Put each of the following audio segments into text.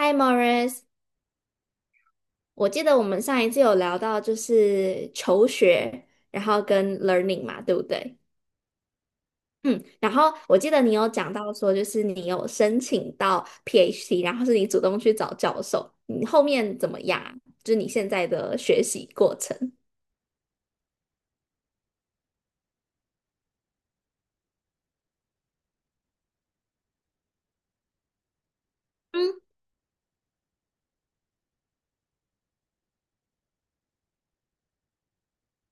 Hi Morris,我记得我们上一次有聊到就是求学，然后跟 learning 嘛，对不对？嗯，然后我记得你有讲到说，就是你有申请到 PhD，然后是你主动去找教授，你后面怎么样啊，就是你现在的学习过程。嗯，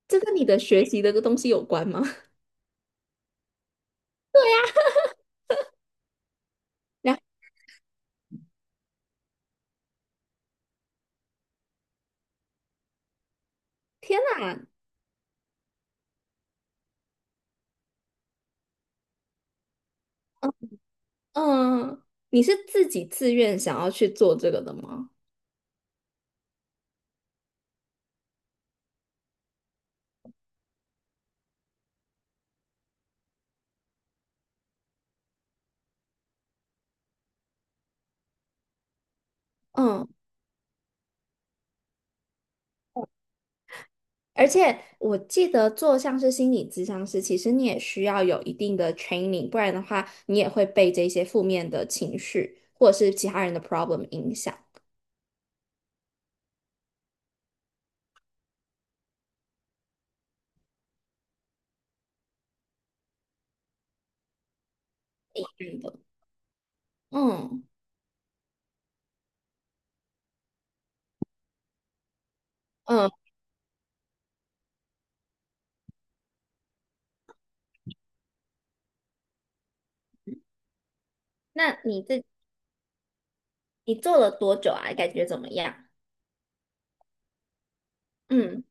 这跟你的学习的东西有关吗？然后天哪。嗯嗯，你是自己自愿想要去做这个的吗？嗯。而且我记得做像是心理咨商师，其实你也需要有一定的 training，不然的话你也会被这些负面的情绪或者是其他人的 problem 影响。嗯的。嗯嗯。那你这，你做了多久啊？感觉怎么样？嗯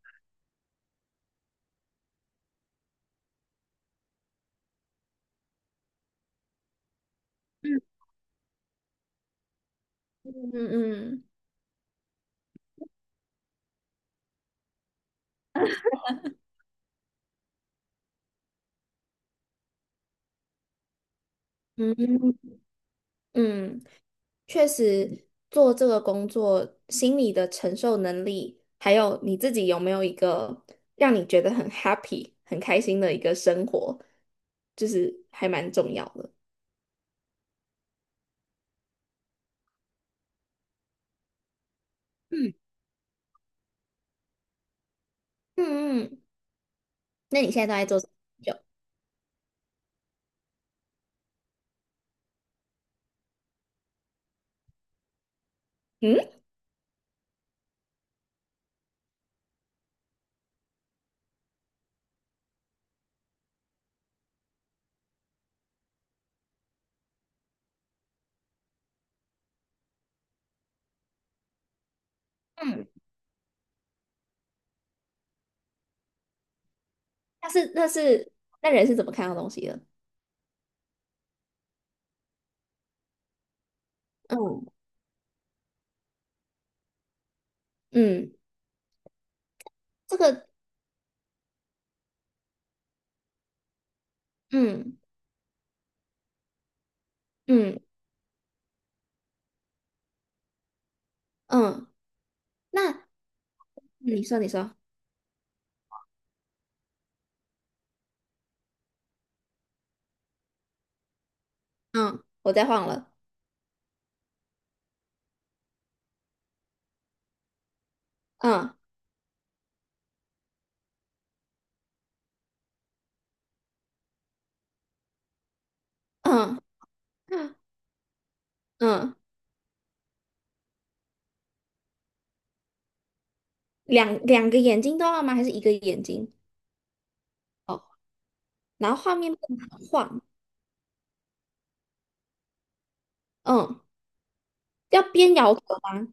嗯。嗯嗯嗯嗯嗯。确实做这个工作，心理的承受能力，还有你自己有没有一个让你觉得很 happy、很开心的一个生活，就是还蛮重要的。嗯嗯嗯，那你现在都在做什么研究？嗯。嗯。那是那是那人是怎么看到东西的？嗯。嗯，这个。嗯。嗯嗯，那你说你说。嗯，我再晃了。嗯。嗯。嗯，两个眼睛都要吗？还是一个眼睛？哦，然后画面不能晃。嗯，要边摇头吧。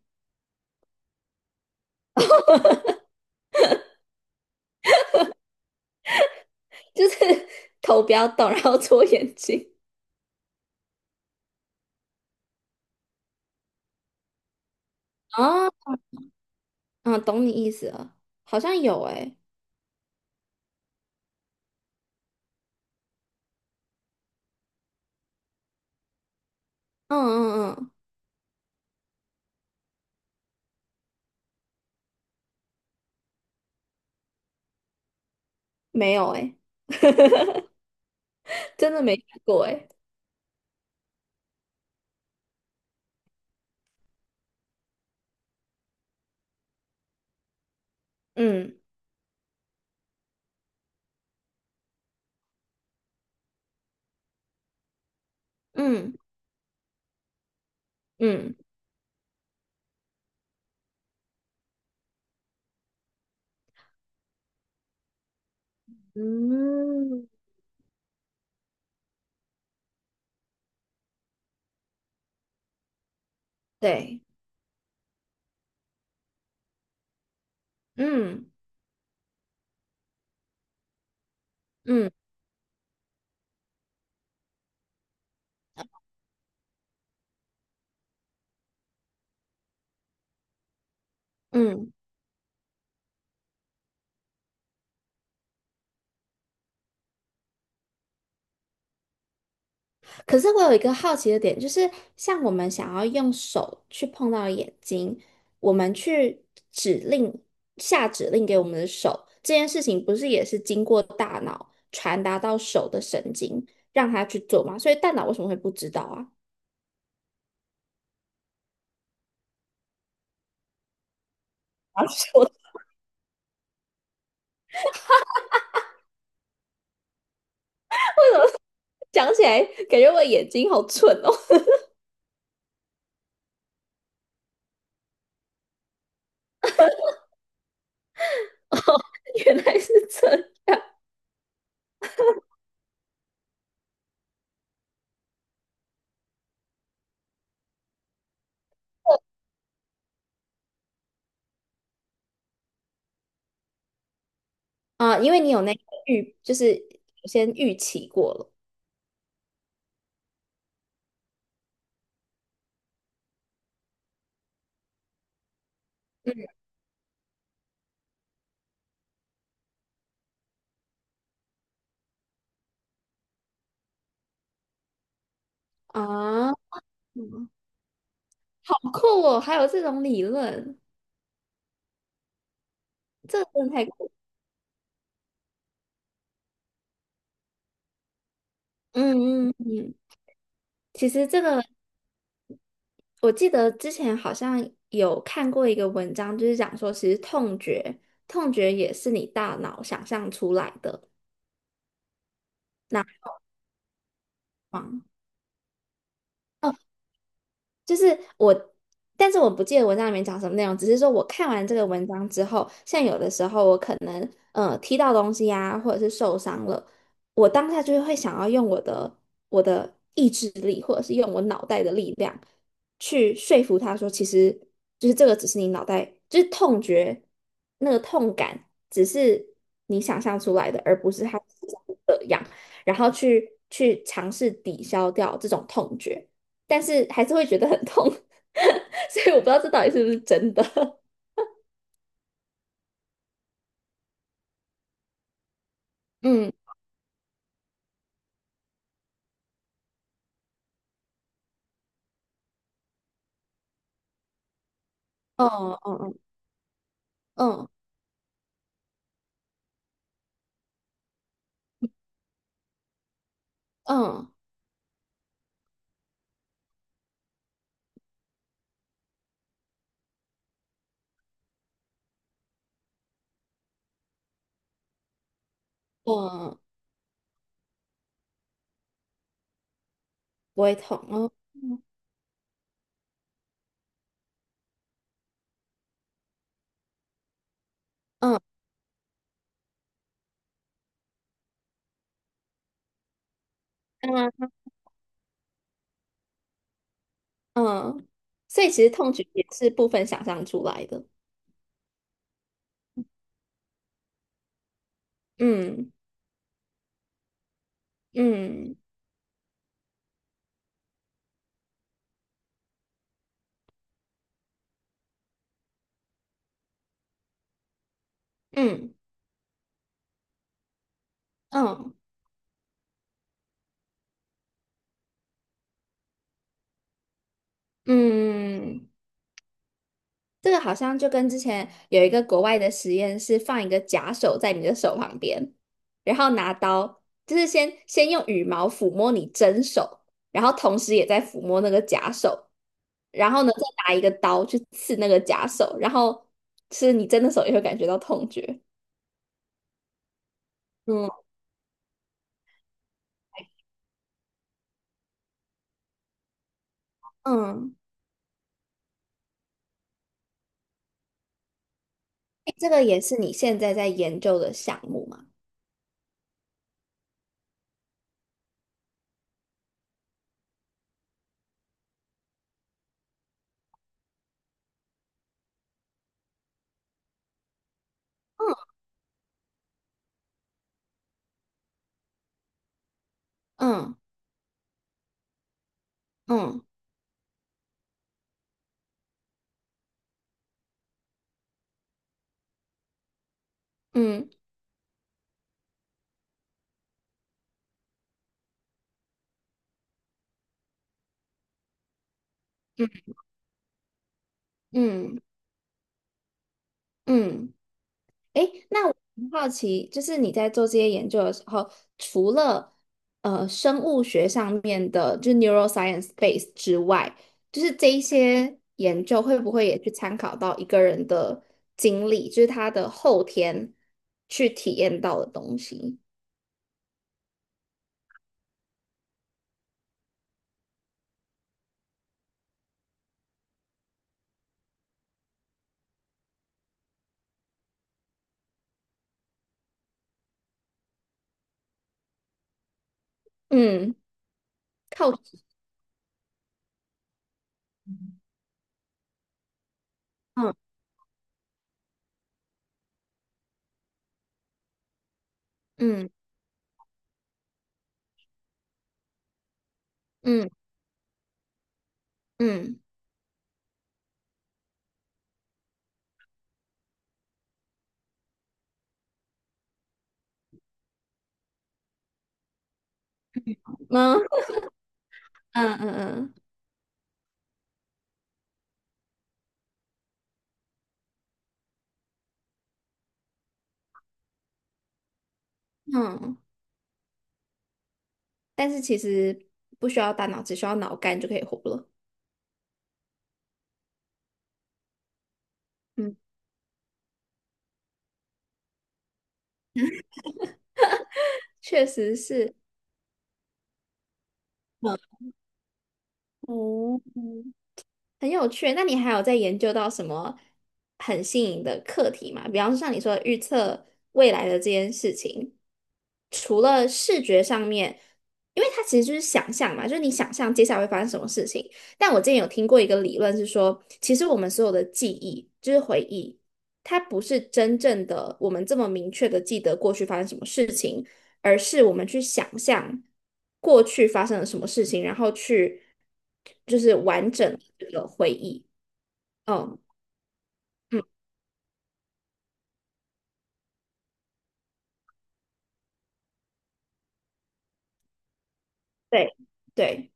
就是 头不要动，然后搓眼睛。哦，嗯，懂你意思了，好像有诶、嗯。嗯嗯，没有诶、真的没看过诶、嗯。嗯嗯嗯，对。嗯嗯嗯。可是我有一个好奇的点，就是像我们想要用手去碰到眼睛，我们去指令，下指令给我们的手，这件事情不是也是经过大脑传达到手的神经，让它去做吗？所以大脑为什么会不知道啊？啊，我讲起来感觉我眼睛好蠢哦。原来是这样。啊、因为你有那个预，就是先预期过了。啊，好酷哦，还有这种理论。这个真的太酷。嗯嗯嗯，其实这个我记得之前好像有看过一个文章，就是讲说，其实痛觉，痛觉也是你大脑想象出来的那。方。哦。就是我，但是我不记得文章里面讲什么内容，只是说我看完这个文章之后，像有的时候我可能踢到东西呀、或者是受伤了，我当下就会想要用我的意志力，或者是用我脑袋的力量去说服他说，其实就是这个只是你脑袋，就是痛觉那个痛感，只是你想象出来的，而不是它实际上是这样，然后去尝试抵消掉这种痛觉。但是还是会觉得很痛，所以我不知道这到底是不是真的。嗯。哦。嗯嗯嗯嗯嗯，不会痛，哦，嗯嗯嗯嗯，所以其实痛觉也是部分想象出来的。嗯嗯嗯嗯嗯，这个好像就跟之前有一个国外的实验是放一个假手在你的手旁边，然后拿刀，就是先用羽毛抚摸你真手，然后同时也在抚摸那个假手，然后呢再拿一个刀去刺那个假手，然后是你真的手也会感觉到痛觉。嗯。嗯，诶这个也是你现在在研究的项目吗？嗯嗯嗯嗯嗯嗯嗯。诶，那我很好奇，就是你在做这些研究的时候，除了生物学上面的，就是 neuroscience base 之外，就是这一些研究会不会也去参考到一个人的经历，就是他的后天去体验到的东西？嗯。靠。嗯嗯嗯嗯嗯，嗯嗯嗯，嗯，但是其实不需要大脑，只需要脑干就可以活了。嗯，确实是。哦，嗯。很有趣。那你还有在研究到什么很新颖的课题吗？比方说像你说的预测未来的这件事情，除了视觉上面，因为它其实就是想象嘛，就是你想象接下来会发生什么事情。但我之前有听过一个理论是说，其实我们所有的记忆就是回忆，它不是真正的我们这么明确的记得过去发生什么事情。而是我们去想象过去发生了什么事情，然后去就是完整这个回忆。嗯嗯，对对，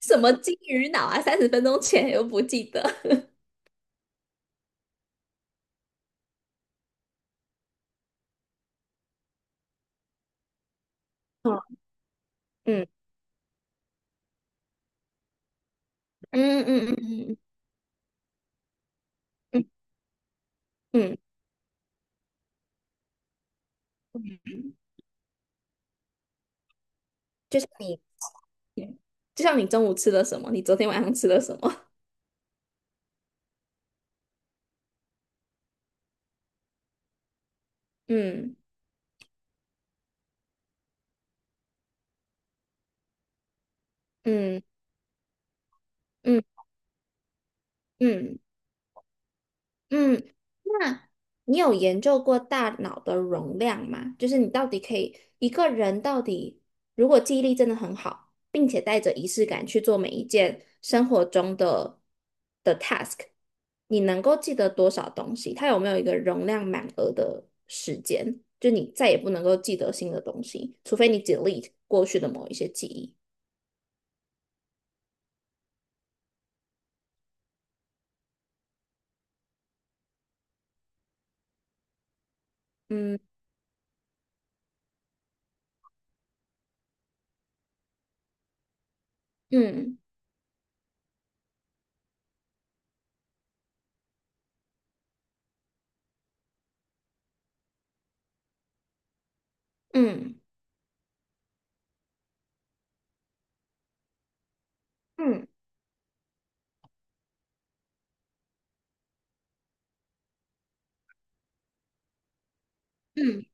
什么金鱼脑啊？30分钟前又不记得。嗯嗯嗯嗯嗯嗯嗯，就像你，就像你中午吃了什么，你昨天晚上吃了什么？嗯嗯嗯嗯嗯嗯。那你有研究过大脑的容量吗？就是你到底可以一个人到底，如果记忆力真的很好，并且带着仪式感去做每一件生活中的的 task，你能够记得多少东西？它有没有一个容量满额的时间？就你再也不能够记得新的东西，除非你 delete 过去的某一些记忆。嗯嗯嗯嗯嗯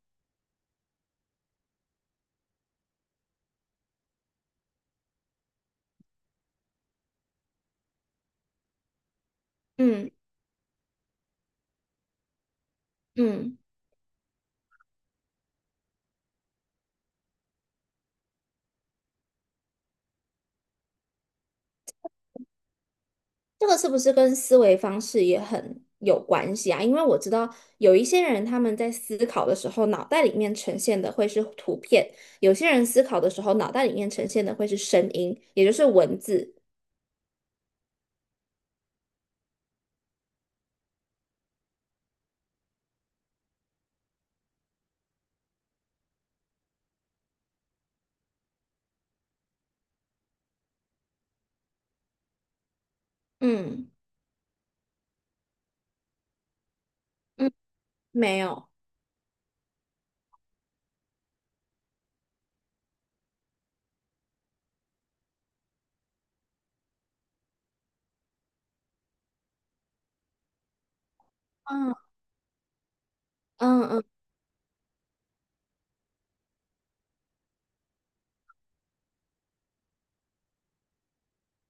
嗯嗯。这个是不是跟思维方式也很有关系啊？因为我知道有一些人他们在思考的时候，脑袋里面呈现的会是图片；有些人思考的时候，脑袋里面呈现的会是声音，也就是文字。嗯嗯，没有。嗯嗯嗯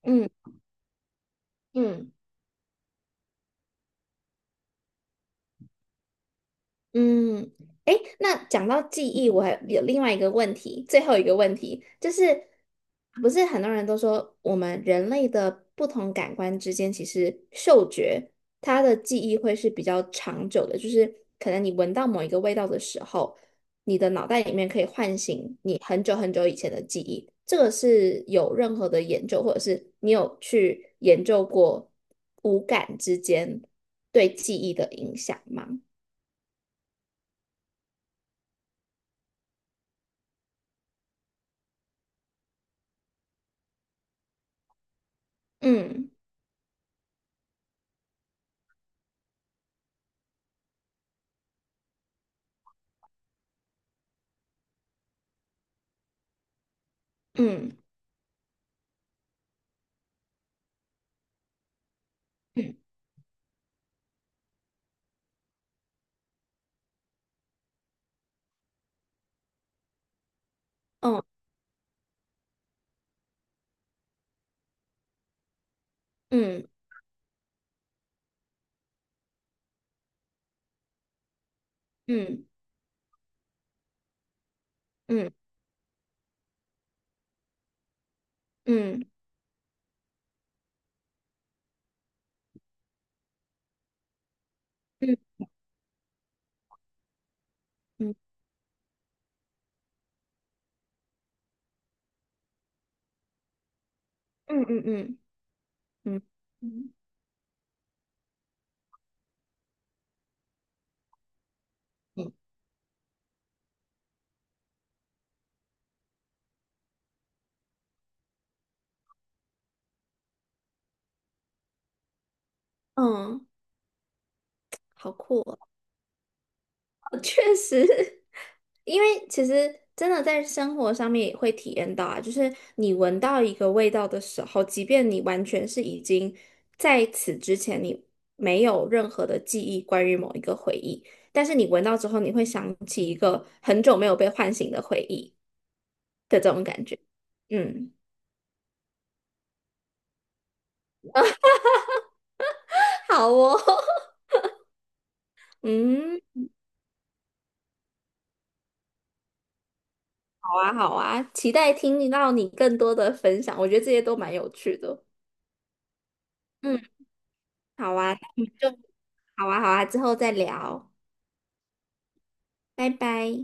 嗯嗯。嗯，诶，那讲到记忆，我还有另外一个问题，最后一个问题就是，不是很多人都说我们人类的不同感官之间，其实嗅觉它的记忆会是比较长久的，就是可能你闻到某一个味道的时候，你的脑袋里面可以唤醒你很久很久以前的记忆。这个是有任何的研究，或者是你有去研究过五感之间对记忆的影响吗？嗯。嗯嗯。哦。嗯嗯嗯嗯嗯嗯嗯嗯嗯嗯嗯嗯，好酷哦！哦确实，因为其实真的在生活上面也会体验到啊，就是你闻到一个味道的时候，即便你完全是已经在此之前你没有任何的记忆关于某一个回忆，但是你闻到之后，你会想起一个很久没有被唤醒的回忆的这种感觉。嗯，好哦，嗯。好啊，好啊，期待听到你更多的分享，我觉得这些都蛮有趣的。嗯，好啊，那我们就好啊，好啊，之后再聊，拜拜。